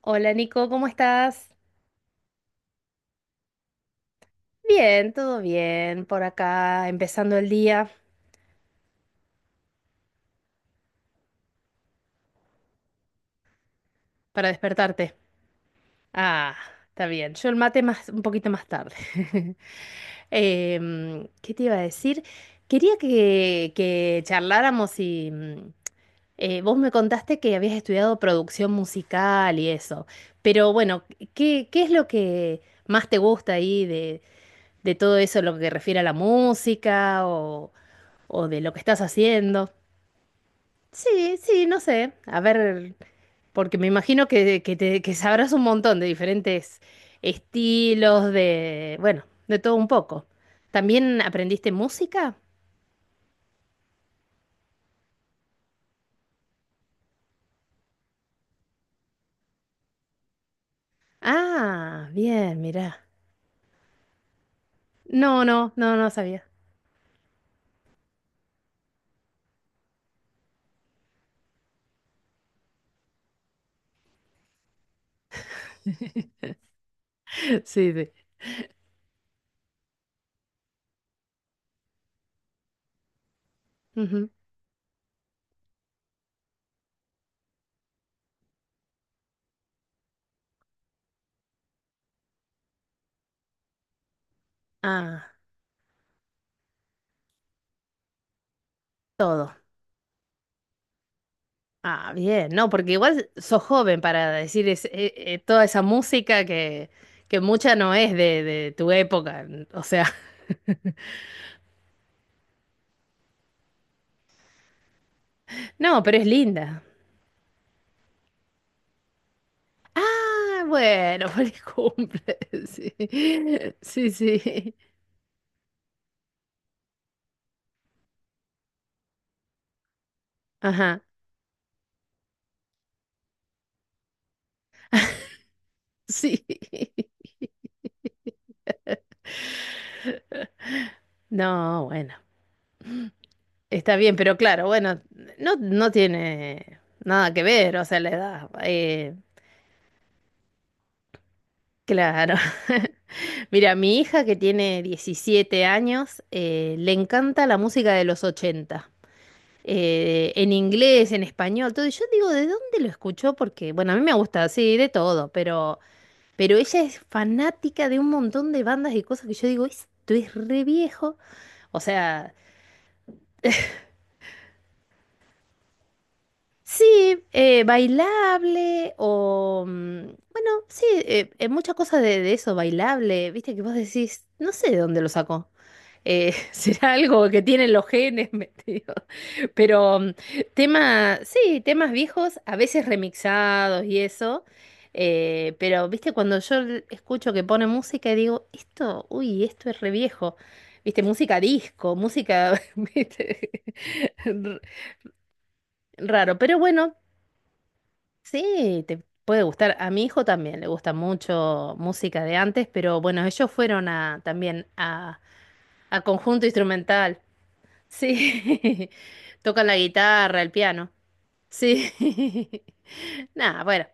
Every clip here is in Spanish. Hola Nico, ¿cómo estás? Bien, todo bien, por acá, empezando el día para despertarte. Ah, está bien. Yo el mate más, un poquito más tarde. ¿Qué te iba a decir? Quería que charláramos y vos me contaste que habías estudiado producción musical y eso. Pero bueno, ¿qué es lo que más te gusta ahí de todo eso, lo que refiere a la música o de lo que estás haciendo? Sí, sí, no sé. A ver, porque me imagino que, que sabrás un montón de diferentes estilos, de, bueno, de todo un poco. ¿También aprendiste música? Ah, bien, mirá. No, no, no, no sabía. Sí, sí. Ujú. Ah, todo. Ah, bien, no, porque igual sos joven para decir toda esa música que mucha no es de tu época. O sea, no, pero es linda. Ah, bueno, feliz cumple. Sí, sí, sí. Ajá, sí. No, bueno, está bien, pero claro, bueno, no, no tiene nada que ver, o sea, la edad. Claro. Mira, mi hija que tiene 17 años, le encanta la música de los 80 en inglés, en español, todo. Y yo digo, ¿de dónde lo escuchó? Porque, bueno, a mí me gusta, sí, de todo. Pero ella es fanática de un montón de bandas y cosas que yo digo, esto es re viejo. O sea, sí, bailable. Bueno, sí, muchas cosas de eso, bailable. Viste que vos decís, no sé de dónde lo sacó, será algo que tienen los genes, digo. Pero sí, temas viejos, a veces remixados y eso, pero viste, cuando yo escucho que pone música y digo, esto, uy, esto es re viejo, viste, música disco, música, viste, r- raro, pero bueno, sí, te puede gustar, a mi hijo también le gusta mucho música de antes, pero bueno, ellos fueron también a conjunto instrumental. Sí, toca la guitarra, el piano. Sí. Nada, bueno.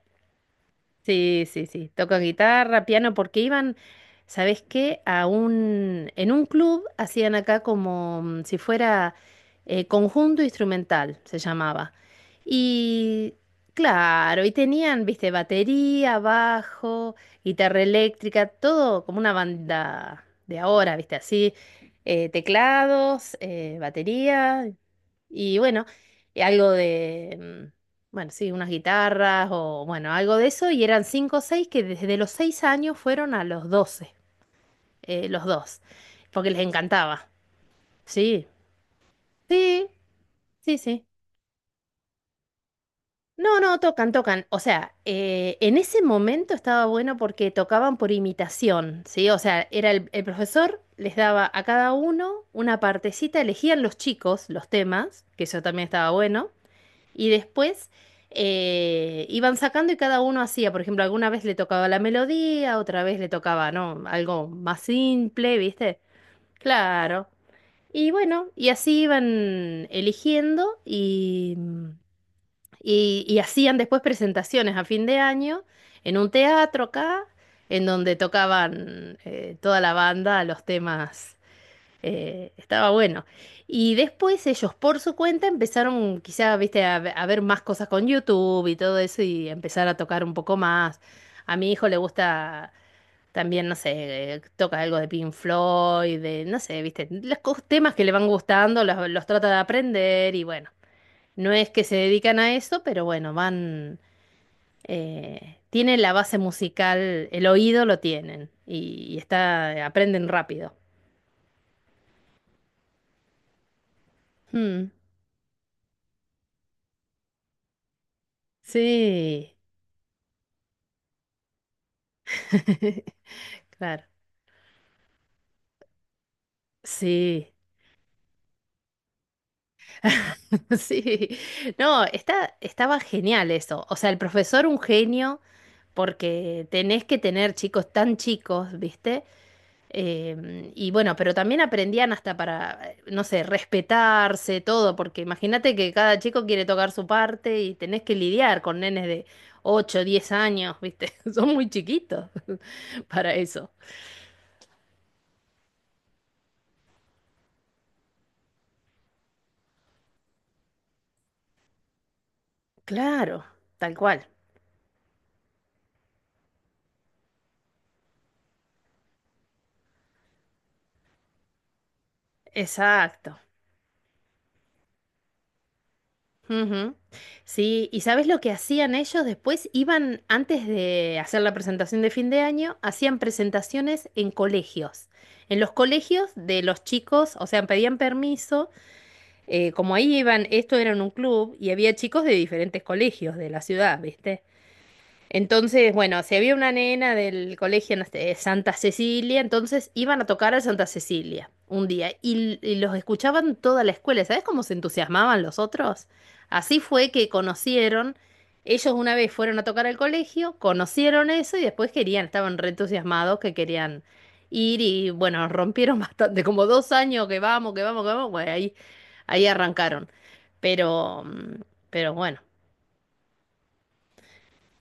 Sí, sí, sí. Tocan guitarra, piano, porque iban, ¿sabes qué? En un club hacían acá como si fuera conjunto instrumental, se llamaba. Y claro, y tenían, viste, batería, bajo, guitarra eléctrica, todo como una banda de ahora, viste, así, teclados, batería, y bueno, y algo de, bueno, sí, unas guitarras o bueno, algo de eso, y eran cinco o seis que desde los 6 años fueron a los 12 los dos, porque les encantaba. Sí, sí, sí, sí. No, no, tocan, tocan. O sea, en ese momento estaba bueno porque tocaban por imitación, ¿sí? O sea, era el profesor, les daba a cada uno una partecita, elegían los chicos los temas, que eso también estaba bueno. Y después iban sacando y cada uno hacía, por ejemplo, alguna vez le tocaba la melodía, otra vez le tocaba, ¿no? Algo más simple, ¿viste? Claro. Y bueno, y así iban eligiendo y hacían después presentaciones a fin de año en un teatro acá, en donde tocaban toda la banda los temas estaba bueno. Y después ellos por su cuenta empezaron quizá, viste, a ver más cosas con YouTube y todo eso y empezar a tocar un poco más. A mi hijo le gusta también, no sé, toca algo de Pink Floyd, de, no sé, viste, los temas que le van gustando, los trata de aprender y bueno, no es que se dedican a eso, pero bueno, van, tienen la base musical, el oído lo tienen y está, aprenden rápido. Mm, sí. Claro. Sí. Sí. No, estaba genial eso. O sea, el profesor un genio, porque tenés que tener chicos tan chicos, ¿viste? Y bueno, pero también aprendían hasta para, no sé, respetarse, todo, porque imagínate que cada chico quiere tocar su parte y tenés que lidiar con nenes de 8, 10 años, ¿viste? Son muy chiquitos para eso. Claro, tal cual. Exacto. Ujú. Sí, ¿y sabes lo que hacían ellos después? Iban, antes de hacer la presentación de fin de año, hacían presentaciones en colegios, en los colegios de los chicos, o sea, pedían permiso, como ahí iban, esto era en un club y había chicos de diferentes colegios de la ciudad, ¿viste? Entonces, bueno, si había una nena del colegio, no sé, Santa Cecilia, entonces iban a tocar a Santa Cecilia un día y los escuchaban toda la escuela. ¿Sabes cómo se entusiasmaban los otros? Así fue que conocieron, ellos una vez fueron a tocar al colegio, conocieron eso y después querían, estaban re entusiasmados, que querían ir y bueno, rompieron bastante, como 2 años que vamos, que vamos, que vamos, bueno, ahí arrancaron. Pero, mm, pero bueno.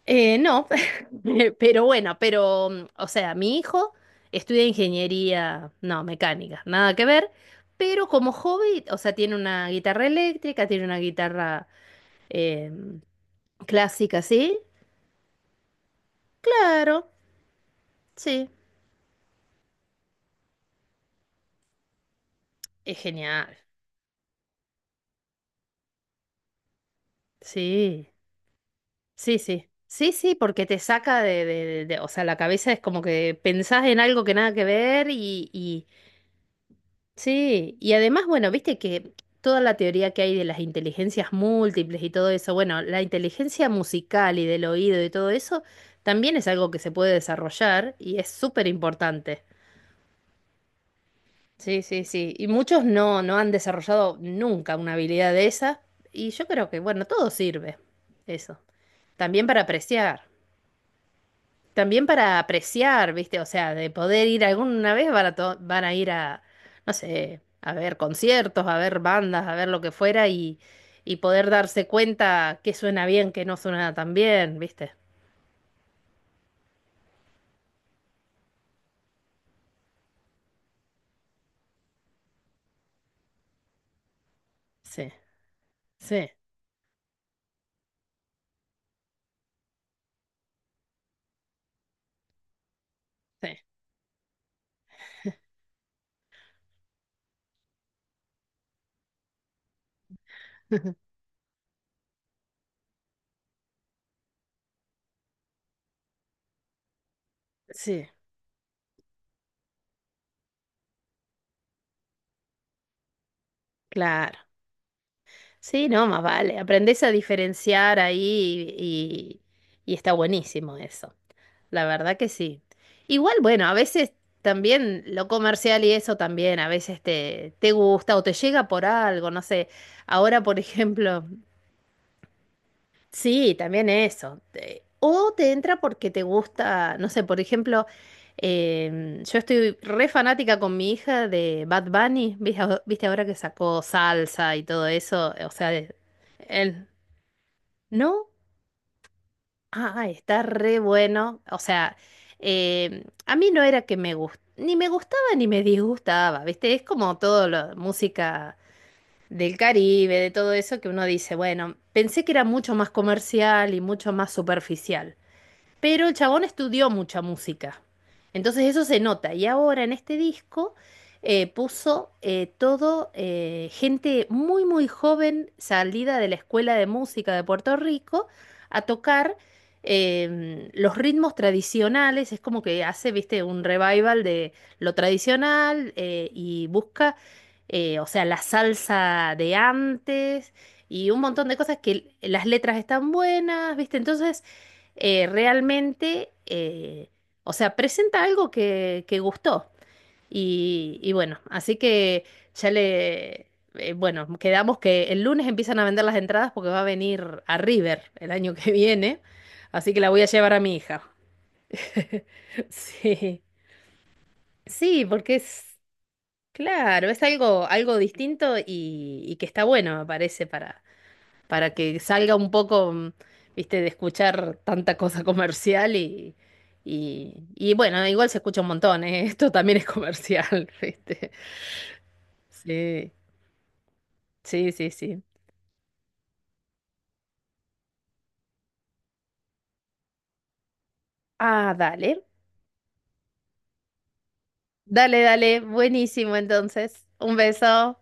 No, pero bueno, pero, o sea, mi hijo estudia ingeniería, no, mecánica, nada que ver, pero como hobby, o sea, tiene una guitarra eléctrica, tiene una guitarra eh, clásica, ¿sí? Claro, sí, es genial, sí, sí, sí, sí, sí, porque te saca de, o sea, la cabeza es como que pensás en algo que nada que ver y Sí, y además, bueno, viste que toda la teoría que hay de las inteligencias múltiples y todo eso, bueno, la inteligencia musical y del oído y todo eso, también es algo que se puede desarrollar y es súper importante. Sí, sí, sí. Y muchos no han desarrollado nunca una habilidad de esa. Y yo creo que, bueno, todo sirve eso. También para apreciar. También para apreciar, ¿viste? O sea, de poder ir alguna vez van a ir a, no sé, a ver conciertos, a ver bandas, a ver lo que fuera y poder darse cuenta qué suena bien, qué no suena tan bien, ¿viste? Sí, sí, sí. Sí, claro. Sí, no, más vale. Aprendés a diferenciar ahí y está buenísimo eso. La verdad que sí. Igual, bueno, a veces también lo comercial y eso también, a veces te gusta o te llega por algo, no sé. Ahora, por ejemplo, sí, también eso. O te entra porque te gusta, no sé, por ejemplo, yo estoy re fanática con mi hija de Bad Bunny, ¿viste, viste ahora que sacó salsa y todo eso? O sea, él, ¿no? Ah, está re bueno. O sea, a mí no era que me gustaba, ni me gustaba ni me disgustaba, ¿viste? Es como todo la música del Caribe, de todo eso que uno dice, bueno, pensé que era mucho más comercial y mucho más superficial. Pero el chabón estudió mucha música. Entonces eso se nota. Y ahora en este disco puso todo gente muy, muy joven salida de la Escuela de Música de Puerto Rico a tocar los ritmos tradicionales. Es como que hace, viste, un revival de lo tradicional y busca, o sea, la salsa de antes. Y un montón de cosas que las letras están buenas, ¿viste? Entonces, realmente, o sea, presenta algo que gustó. Y bueno, así que ya bueno, quedamos que el lunes empiezan a vender las entradas porque va a venir a River el año que viene, así que la voy a llevar a mi hija. Sí, sí, porque es, claro, es algo, algo distinto y que está bueno, me parece, para, que salga un poco, viste, de escuchar tanta cosa comercial y bueno, igual se escucha un montón, ¿eh? Esto también es comercial, viste. Sí, sí, sí, sí. Ah, dale. Dale, dale. Buenísimo, entonces. Un beso.